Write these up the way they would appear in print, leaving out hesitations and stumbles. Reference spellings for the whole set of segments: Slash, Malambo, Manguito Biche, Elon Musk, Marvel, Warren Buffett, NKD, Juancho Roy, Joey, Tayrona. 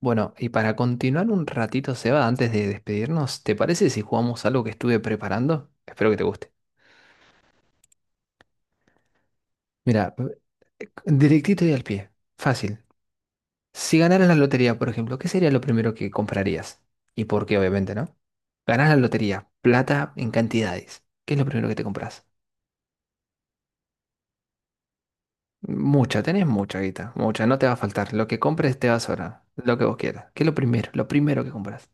Bueno, y para continuar un ratito, Seba, antes de despedirnos, ¿te parece si jugamos algo que estuve preparando? Espero que te guste. Mira, directito y al pie. Fácil. Si ganaras la lotería, por ejemplo, ¿qué sería lo primero que comprarías? ¿Y por qué, obviamente, no? Ganás la lotería, plata en cantidades. ¿Qué es lo primero que te compras? Mucha, tenés mucha guita, mucha, no te va a faltar. Lo que compres te va a sobrar, lo que vos quieras. ¿Qué es lo primero? Lo primero que compras.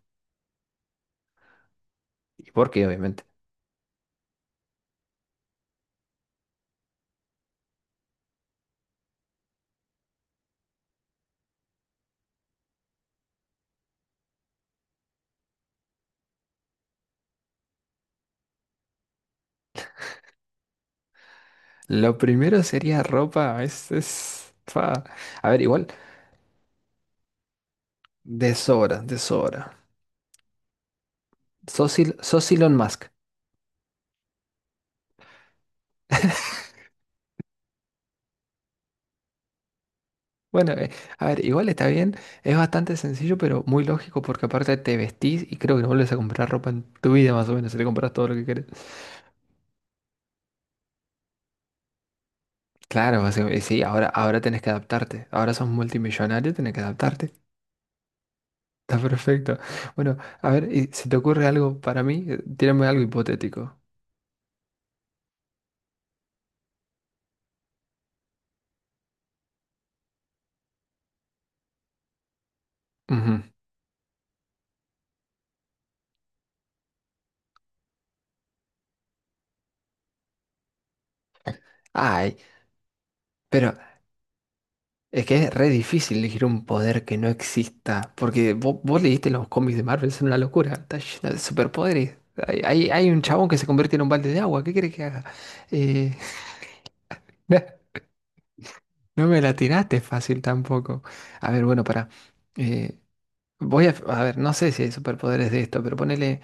¿Y por qué, obviamente? Lo primero sería ropa, fa. A ver, igual, de sobra, de sobra. Sos, sos Elon Musk. Bueno, a ver, igual está bien, es bastante sencillo, pero muy lógico porque aparte te vestís y creo que no vuelves a comprar ropa en tu vida más o menos, si te compras todo lo que querés. Claro, o sea, y sí, ahora tenés que adaptarte. Ahora sos multimillonario, tenés que adaptarte. Está perfecto. Bueno, a ver, y si te ocurre algo para mí, tírame algo hipotético. Ujú. Ay, pero es que es re difícil elegir un poder que no exista, porque vos leíste los cómics de Marvel, son una locura, está lleno de superpoderes. Hay un chabón que se convierte en un balde de agua, ¿qué querés que haga? Eh, no me la tiraste fácil tampoco. A ver, bueno, para voy a ver, no sé si hay superpoderes de esto, pero ponele.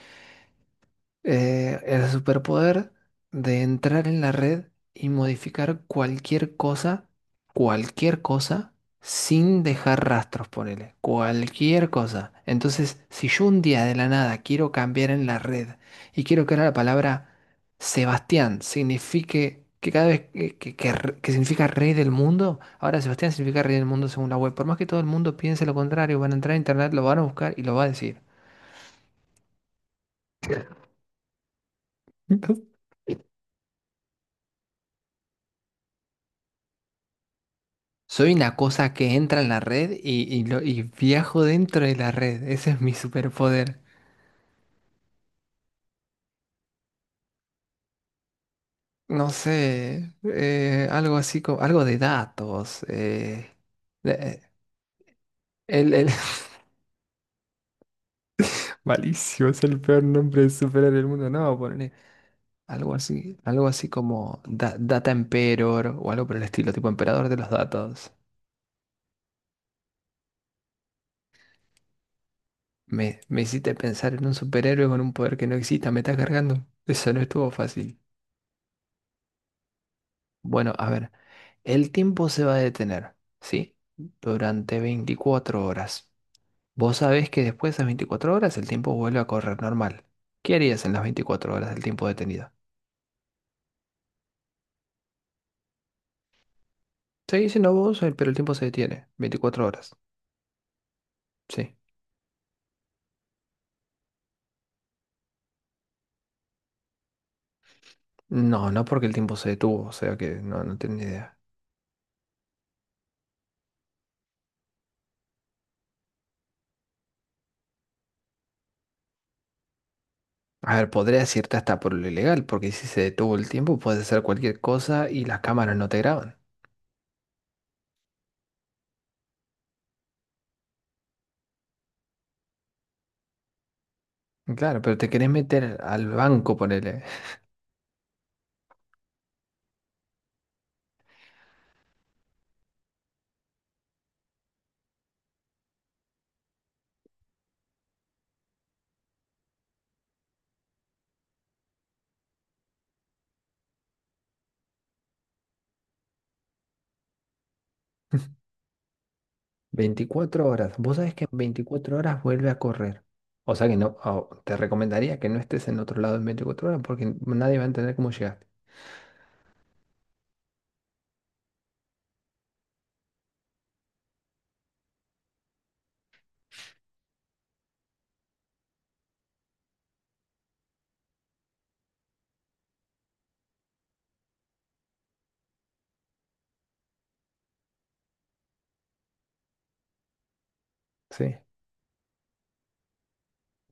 El superpoder de entrar en la red y modificar cualquier cosa, sin dejar rastros, ponele, cualquier cosa. Entonces, si yo un día de la nada quiero cambiar en la red y quiero que ahora la palabra Sebastián signifique que cada vez que significa rey del mundo, ahora Sebastián significa rey del mundo según la web. Por más que todo el mundo piense lo contrario, van a entrar a internet, lo van a buscar y lo va a decir. Soy una cosa que entra en la red y viajo dentro de la red. Ese es mi superpoder. No sé, algo así como algo de datos. Eh, el, el- Malísimo, es el peor nombre de superhéroe del mundo. No, ponle algo así, Data Emperor o algo por el estilo, tipo emperador de los datos. Me hiciste pensar en un superhéroe con un poder que no exista, me estás cargando. Eso no estuvo fácil. Bueno, a ver, el tiempo se va a detener, ¿sí? Durante 24 horas. Vos sabés que después de esas 24 horas el tiempo vuelve a correr normal. ¿Qué harías en las 24 horas del tiempo detenido? Seguís siendo vos, pero el tiempo se detiene. 24 horas, sí. No, porque el tiempo se detuvo, o sea que no tengo ni idea. A ver, podría decirte hasta por lo ilegal, porque si se detuvo el tiempo puedes hacer cualquier cosa y las cámaras no te graban. Claro, pero te querés meter al banco, ponele. 24 horas. Vos sabés que en 24 horas vuelve a correr. O sea que no, ah, te recomendaría que no estés en otro lado en 24 horas porque nadie va a entender cómo llegaste. Sí,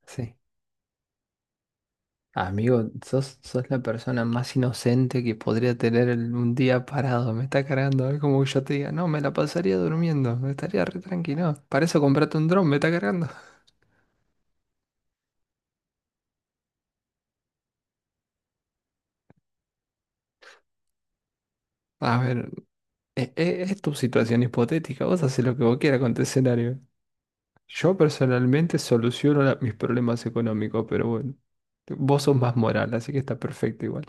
sí. Amigo, sos, sos la persona más inocente que podría tener un día parado. Me está cargando. Es como que yo te diga, no, me la pasaría durmiendo. Me estaría re tranquilo. Para eso comprate un dron, me está cargando. A ver, tu situación hipotética. Vos haces lo que vos quieras con tu escenario. Yo personalmente soluciono mis problemas económicos, pero bueno, vos sos más moral, así que está perfecto igual.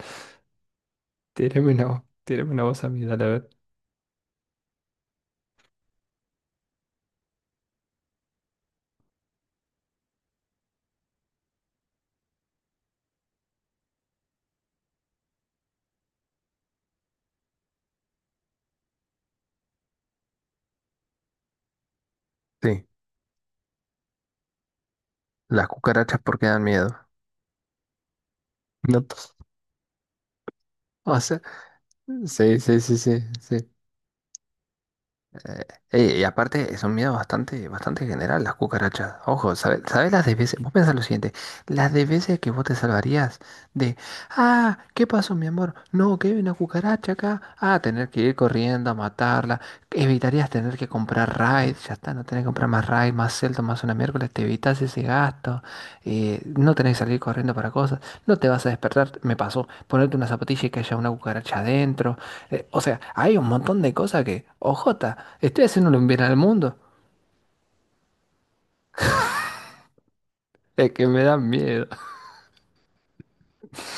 Tírame una voz a mí, dale a ver. Sí, las cucarachas porque dan miedo. No, o sea, sí, sí, sí, sí, sí. Y aparte son miedos bastante, bastante general las cucarachas. Ojo, ¿sabes, sabes las de veces? Vos pensás lo siguiente, las de veces que vos te salvarías de, ah, ¿qué pasó, mi amor? No, que hay una cucaracha acá. Ah, tener que ir corriendo a matarla. Evitarías tener que comprar raid, ya está, no tenés que comprar más raid, más celda, más una miércoles, te evitas ese gasto. No tenés que salir corriendo para cosas. No te vas a despertar, me pasó, ponerte una zapatilla y que haya una cucaracha adentro. O sea, hay un montón de cosas que, ojota, estoy haciéndole un bien al mundo. Es que me da miedo,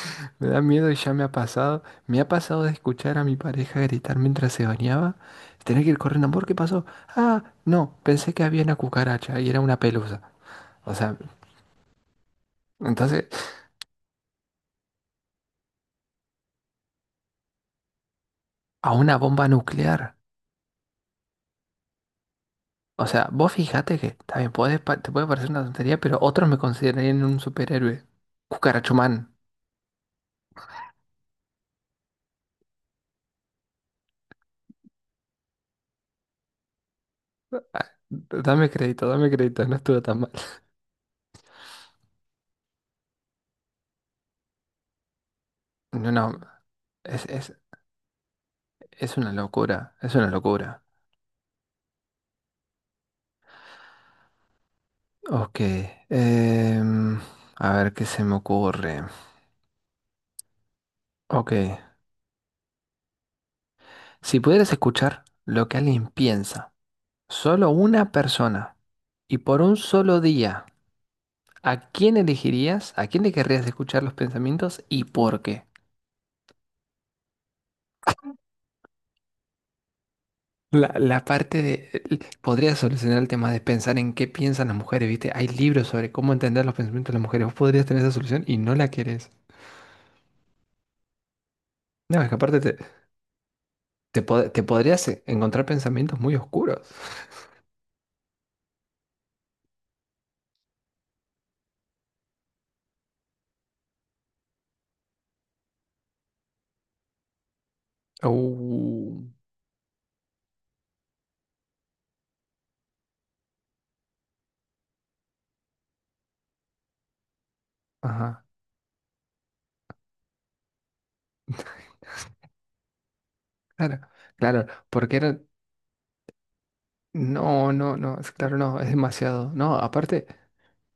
me da miedo y ya me ha pasado. Me ha pasado de escuchar a mi pareja gritar mientras se bañaba. Tener que ir corriendo, amor, ¿qué pasó? Ah, no, pensé que había una cucaracha y era una pelusa. O sea, entonces, a una bomba nuclear. O sea, vos fijate que también podés, te puede parecer una tontería, pero otros me considerarían un superhéroe. Cucarachumán. Ah, dame crédito, dame crédito, no estuvo tan mal. No, no, es, es- es una locura, es una locura. Ok, em, a ver qué se me ocurre. Ok, si pudieras escuchar lo que alguien piensa, solo una persona, y por un solo día, ¿a quién elegirías? ¿A quién le querrías escuchar los pensamientos y por qué? La parte de... el- Podría solucionar el tema de pensar en qué piensan las mujeres, ¿viste? Hay libros sobre cómo entender los pensamientos de las mujeres. Vos podrías tener esa solución y no la querés. No, es que aparte te, te podrías encontrar pensamientos muy oscuros. Uh, ajá. Claro, claro, porque era... No, no, no, es claro, no, es demasiado. No, aparte,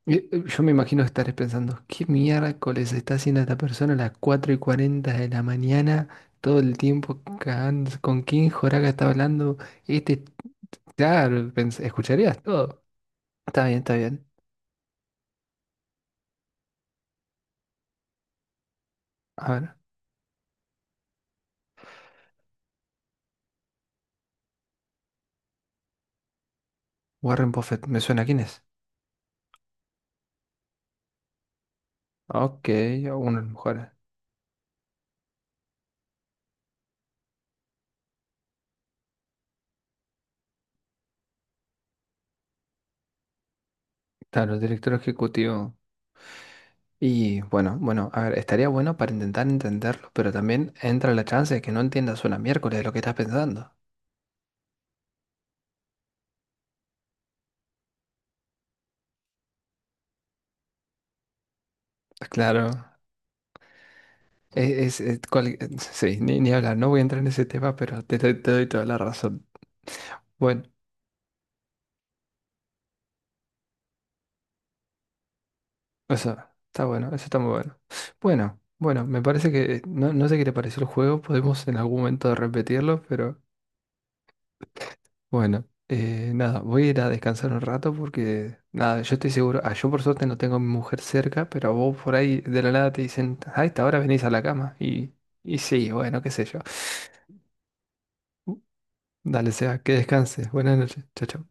yo me imagino estar pensando, ¿qué miércoles está haciendo esta persona a las 4:40 de la mañana? Todo el tiempo, ¿con quién Joraga está hablando? Este, claro, escucharías todo. Está bien, está bien. A ver, Warren Buffett, ¿me suena quién es? Ok, a uno de los mejores. Claro, el director ejecutivo. Y bueno, bueno, a ver, estaría bueno para intentar entenderlo, pero también entra la chance de que no entiendas una miércoles de lo que estás pensando. Claro, es, es- es cual- sí, ni hablar, no voy a entrar en ese tema, pero te doy toda la razón. Bueno, eso bueno, eso está muy bueno. Bueno, bueno, me parece que no, no sé qué te pareció el juego, podemos en algún momento repetirlo, pero... Bueno, nada, voy a ir a descansar un rato porque, nada, yo estoy seguro, ah, yo por suerte no tengo a mi mujer cerca, pero vos por ahí de la nada te dicen, a esta hora venís a la cama. Y sí, bueno, qué sé yo. Dale, sea, que descanses. Buenas noches. Chao, chao.